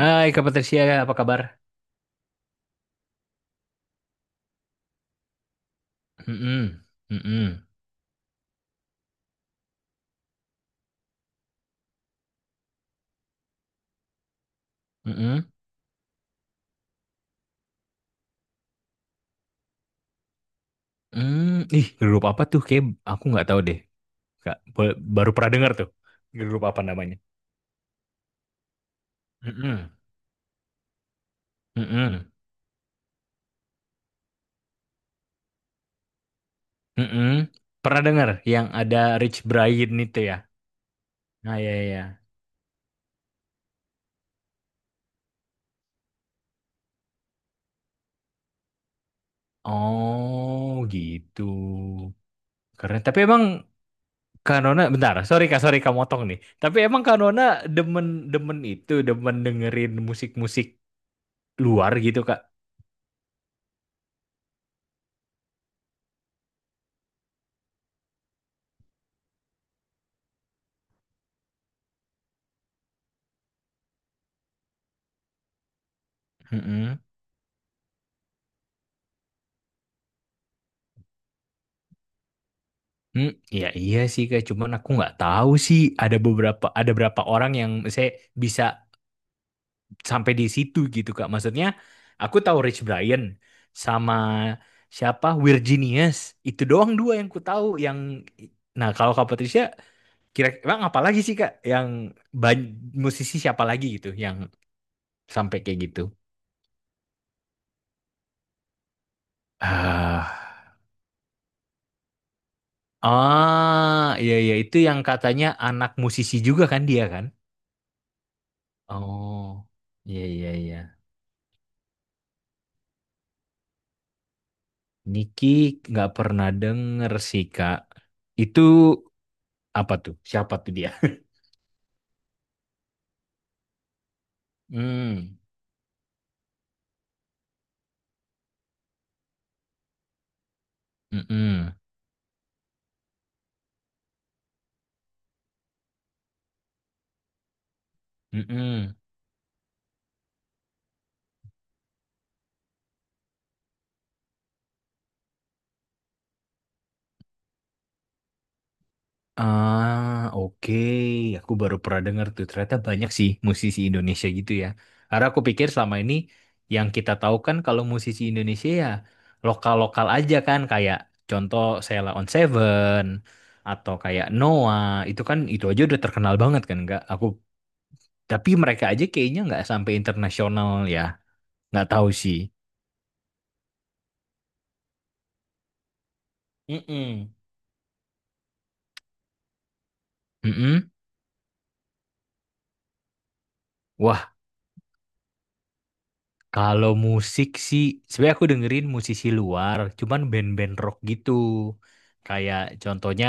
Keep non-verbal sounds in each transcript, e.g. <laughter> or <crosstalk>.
Hai Kak Patricia, apa kabar? Mm-mm. Mm-mm. Mm-mm. Mm. Ih, grup apa tuh? Kayak aku nggak tahu deh. Kak, baru pernah dengar tuh. Grup apa namanya? Mm-mm. Mm-mm. Mm-mm. Pernah dengar yang ada Rich Brian itu ya? Nah, ya, ya. Oh, gitu. Keren. Tapi emang Kak Nona, bentar. Sorry Kak motong nih. Tapi emang Kak Nona demen, demen itu, demen dengerin musik-musik luar gitu Kak. Mm-mm. Hmm, ya iya sih kayak cuman aku nggak tahu sih ada beberapa ada berapa orang yang saya bisa sampai di situ gitu Kak. Maksudnya aku tahu Rich Brian sama siapa Virginius itu doang dua yang ku tahu yang nah kalau Kak Patricia kira emang apa lagi sih Kak yang ban- musisi siapa lagi gitu yang sampai kayak gitu. Ah, ah iya iya itu yang katanya anak musisi juga kan dia kan? Oh, iya iya iya. Niki nggak pernah denger sih Kak. Itu apa tuh? Siapa tuh dia? <laughs> Hmm, mm-mm, mm-mm. Ah, oke. Aku baru pernah denger tuh. Ternyata banyak sih musisi Indonesia gitu ya. Karena aku pikir selama ini yang kita tahu kan kalau musisi Indonesia ya lokal-lokal aja kan. Kayak contoh Sheila on Seven atau kayak Noah. Itu kan itu aja udah terkenal banget kan enggak? Aku tapi mereka aja kayaknya nggak sampai internasional ya, nggak tahu sih. Mm-mm. Mm-mm. Wah, kalau musik sih, sebenarnya aku dengerin musisi luar, cuman band-band rock gitu. Kayak contohnya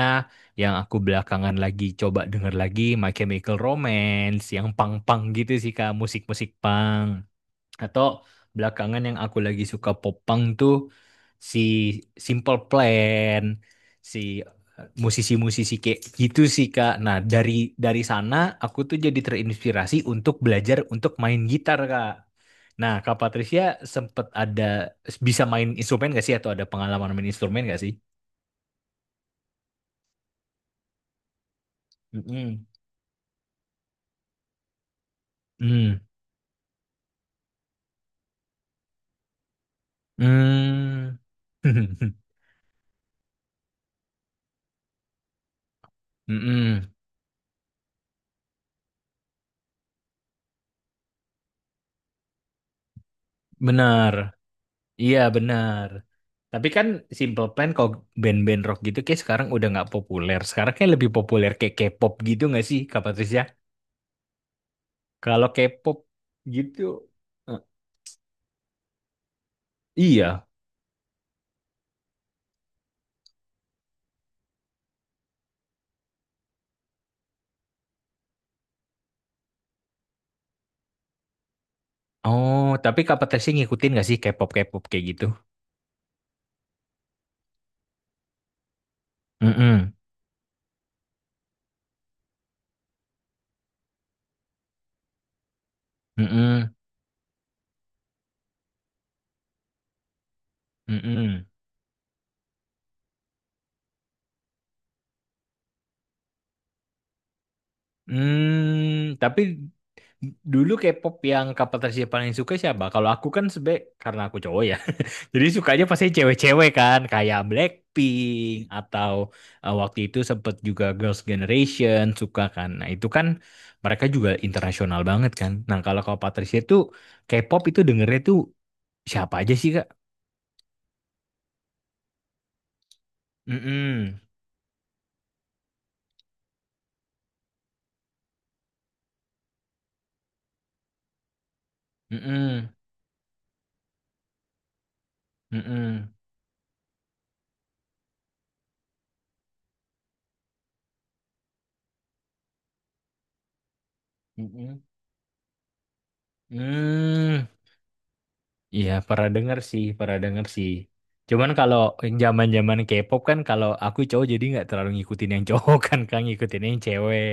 yang aku belakangan lagi coba denger lagi My Chemical Romance, yang punk-punk gitu sih Kak, musik-musik punk. Atau belakangan yang aku lagi suka popang tuh si Simple Plan, si musisi-musisi kayak gitu sih Kak. Nah, dari sana aku tuh jadi terinspirasi untuk belajar untuk main gitar Kak. Nah, Kak Patricia sempet ada bisa main instrumen gak sih atau ada pengalaman main instrumen gak sih? Mm-mm. Hmm. Hmm. <laughs> Mm-mm. Benar. Iya benar. Tapi kan Simple Plan kalau band-band rock gitu kayak sekarang udah nggak populer. Sekarang kayak lebih populer kayak K-pop gitu nggak sih Kak Patricia? Kalau K-pop gitu, eh, iya. Oh, tapi Kak Patricia ngikutin nggak sih K-pop K-pop kayak gitu? Mm-mm. Mm-mm. Mm-mm. Hmm, tapi dulu K-pop yang Kak Patricia paling suka siapa? Kalau aku kan sebe Karena aku cowok ya. Jadi sukanya pasti cewek-cewek kan, kayak Blackpink atau waktu itu sempet juga Girls' Generation suka kan. Nah itu kan mereka juga internasional banget kan. Nah kalau kalau Patricia itu K-pop itu dengernya tuh siapa aja sih Kak? Mm-mm, mm-mm, mm-mm, mm-mm, mm. Iya pernah denger sih, pernah denger sih. Cuman kalau yang zaman-zaman K-pop kan kalau aku cowok jadi nggak terlalu ngikutin yang cowok kan, kan ngikutin yang cewek.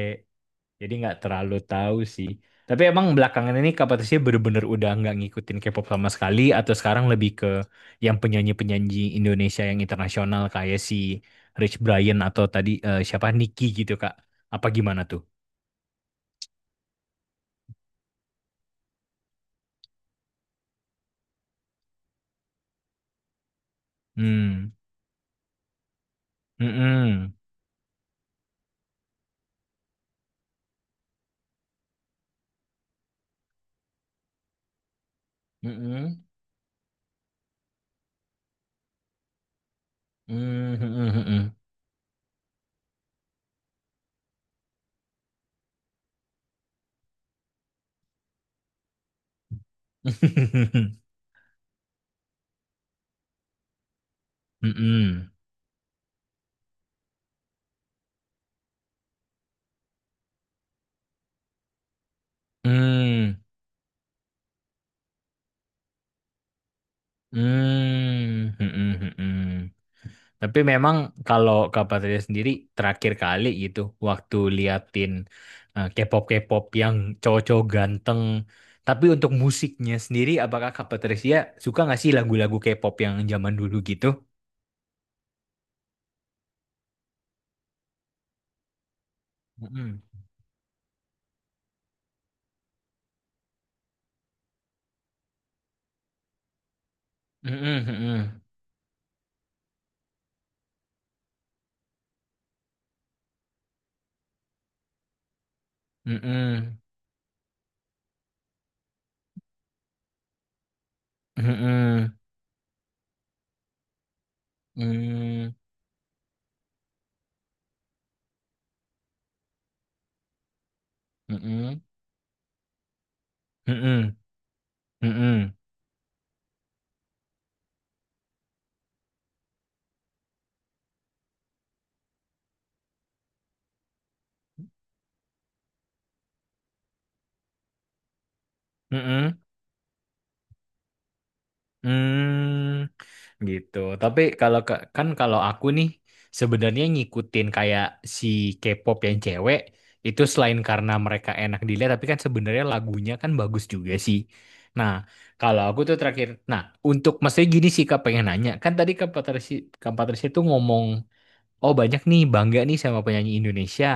Jadi nggak terlalu tahu sih. Tapi emang belakangan ini Kak Patricia bener-bener udah nggak ngikutin K-pop sama sekali atau sekarang lebih ke yang penyanyi-penyanyi Indonesia yang internasional kayak si Rich Brian atau tadi siapa Nicky gitu Kak. Apa gimana tuh? Hmm. Mm-mm. Mm-mm. Mm-mm. Mm-mm. <laughs> Mm-mm. Mm. Mm. Mm. Mm-mm. <laughs> Tapi memang kalau Kak Patria sendiri terakhir kali gitu waktu liatin K-pop K-pop yang cowok-cowok ganteng. Tapi untuk musiknya sendiri, apakah Kak Patricia suka nggak sih lagu-lagu K-pop yang zaman dulu gitu? Mm-mm. Mm-mm, mm-mm, mm-mm, mm-mm, mm-mm, mm-mm, mm-mm, mm-mm, mm-mm, mm. Gitu. Tapi kan kalau aku nih sebenarnya ngikutin kayak si K-pop yang cewek itu selain karena mereka enak dilihat tapi kan sebenarnya lagunya kan bagus juga sih. Nah, kalau aku tuh terakhir nah, untuk maksudnya gini sih Kak pengen nanya. Kan tadi Kak Patricia tuh ngomong oh banyak nih bangga nih sama penyanyi Indonesia.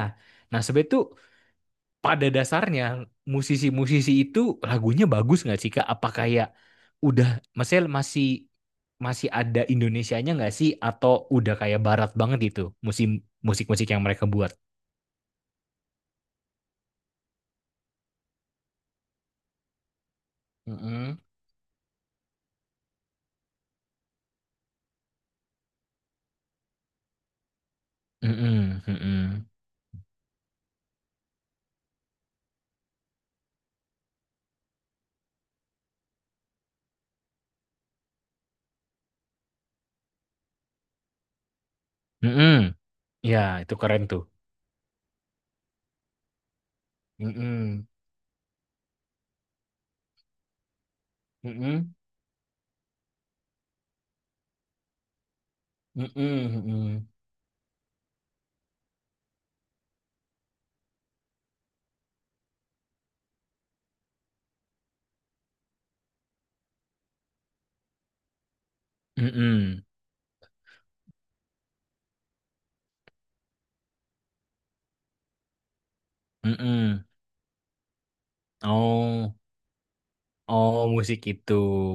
Nah, sebenernya tuh pada dasarnya musisi-musisi itu lagunya bagus nggak sih Kak? Apa kayak udah maksudnya masih masih ada Indonesianya nggak sih atau udah kayak barat banget itu musim musik-musik yang mereka buat? Mm-mm. Mm-mm, mm-mm, mm-mm. Ya, itu keren tuh. Mm-mm. Mm-mm. Mm-mm. Mm-mm. Mm-mm, mm-mm. Oh. Oh, musik itu,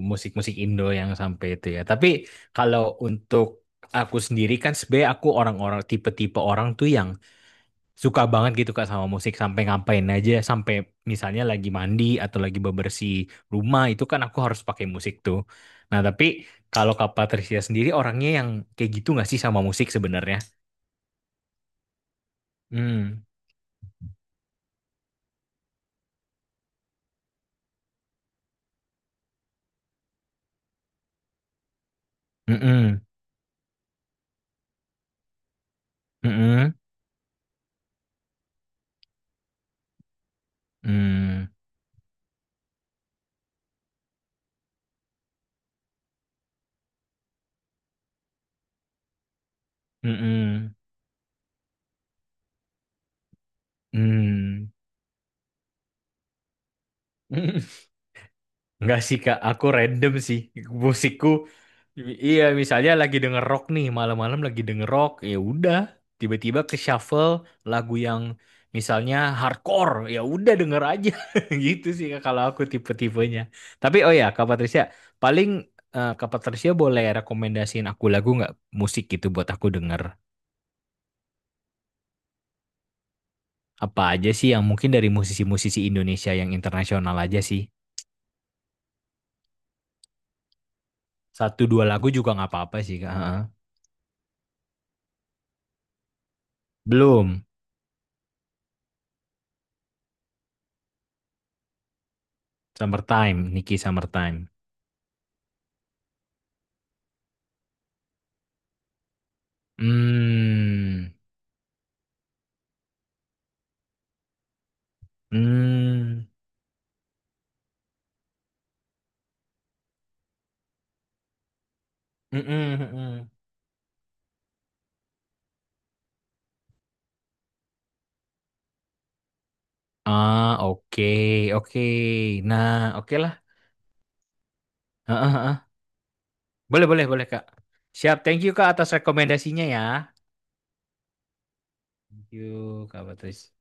musik-musik Indo yang sampai itu ya. Tapi kalau untuk aku sendiri kan sebenarnya aku orang-orang tipe-tipe orang tuh yang suka banget gitu Kak sama musik sampai ngapain aja, sampai misalnya lagi mandi atau lagi bebersih rumah itu kan aku harus pakai musik tuh. Nah, tapi kalau Kak Patricia sendiri orangnya yang kayak gitu nggak sih sama musik sebenarnya? Hmm. Mm-mm. Mm-mm. Mm. Mm-mm. Mm. Mm-mm. Mm. <laughs> Enggak sih Kak, aku random sih musikku. Iya, misalnya lagi denger rock nih, malam-malam lagi denger rock, ya udah tiba-tiba ke shuffle lagu yang misalnya hardcore, ya udah denger aja. <laughs> Gitu sih Kak kalau aku tipe-tipenya. Tapi oh ya, Kak Patricia, paling Kak Patricia boleh rekomendasiin aku lagu nggak musik gitu buat aku denger. Apa aja sih yang mungkin dari musisi-musisi Indonesia yang internasional aja sih. Satu dua lagu juga nggak apa-apa sih Kak. Heeh. Belum. Summertime, Nicky Summertime. Hmm. Hmm. Mm-mm, mm-mm. Ah, oke, oke. Nah, oke lah. Heeh, heeh. Boleh, boleh, boleh, Kak. Siap, thank you, Kak, atas rekomendasinya ya. Thank you, Kak Patris.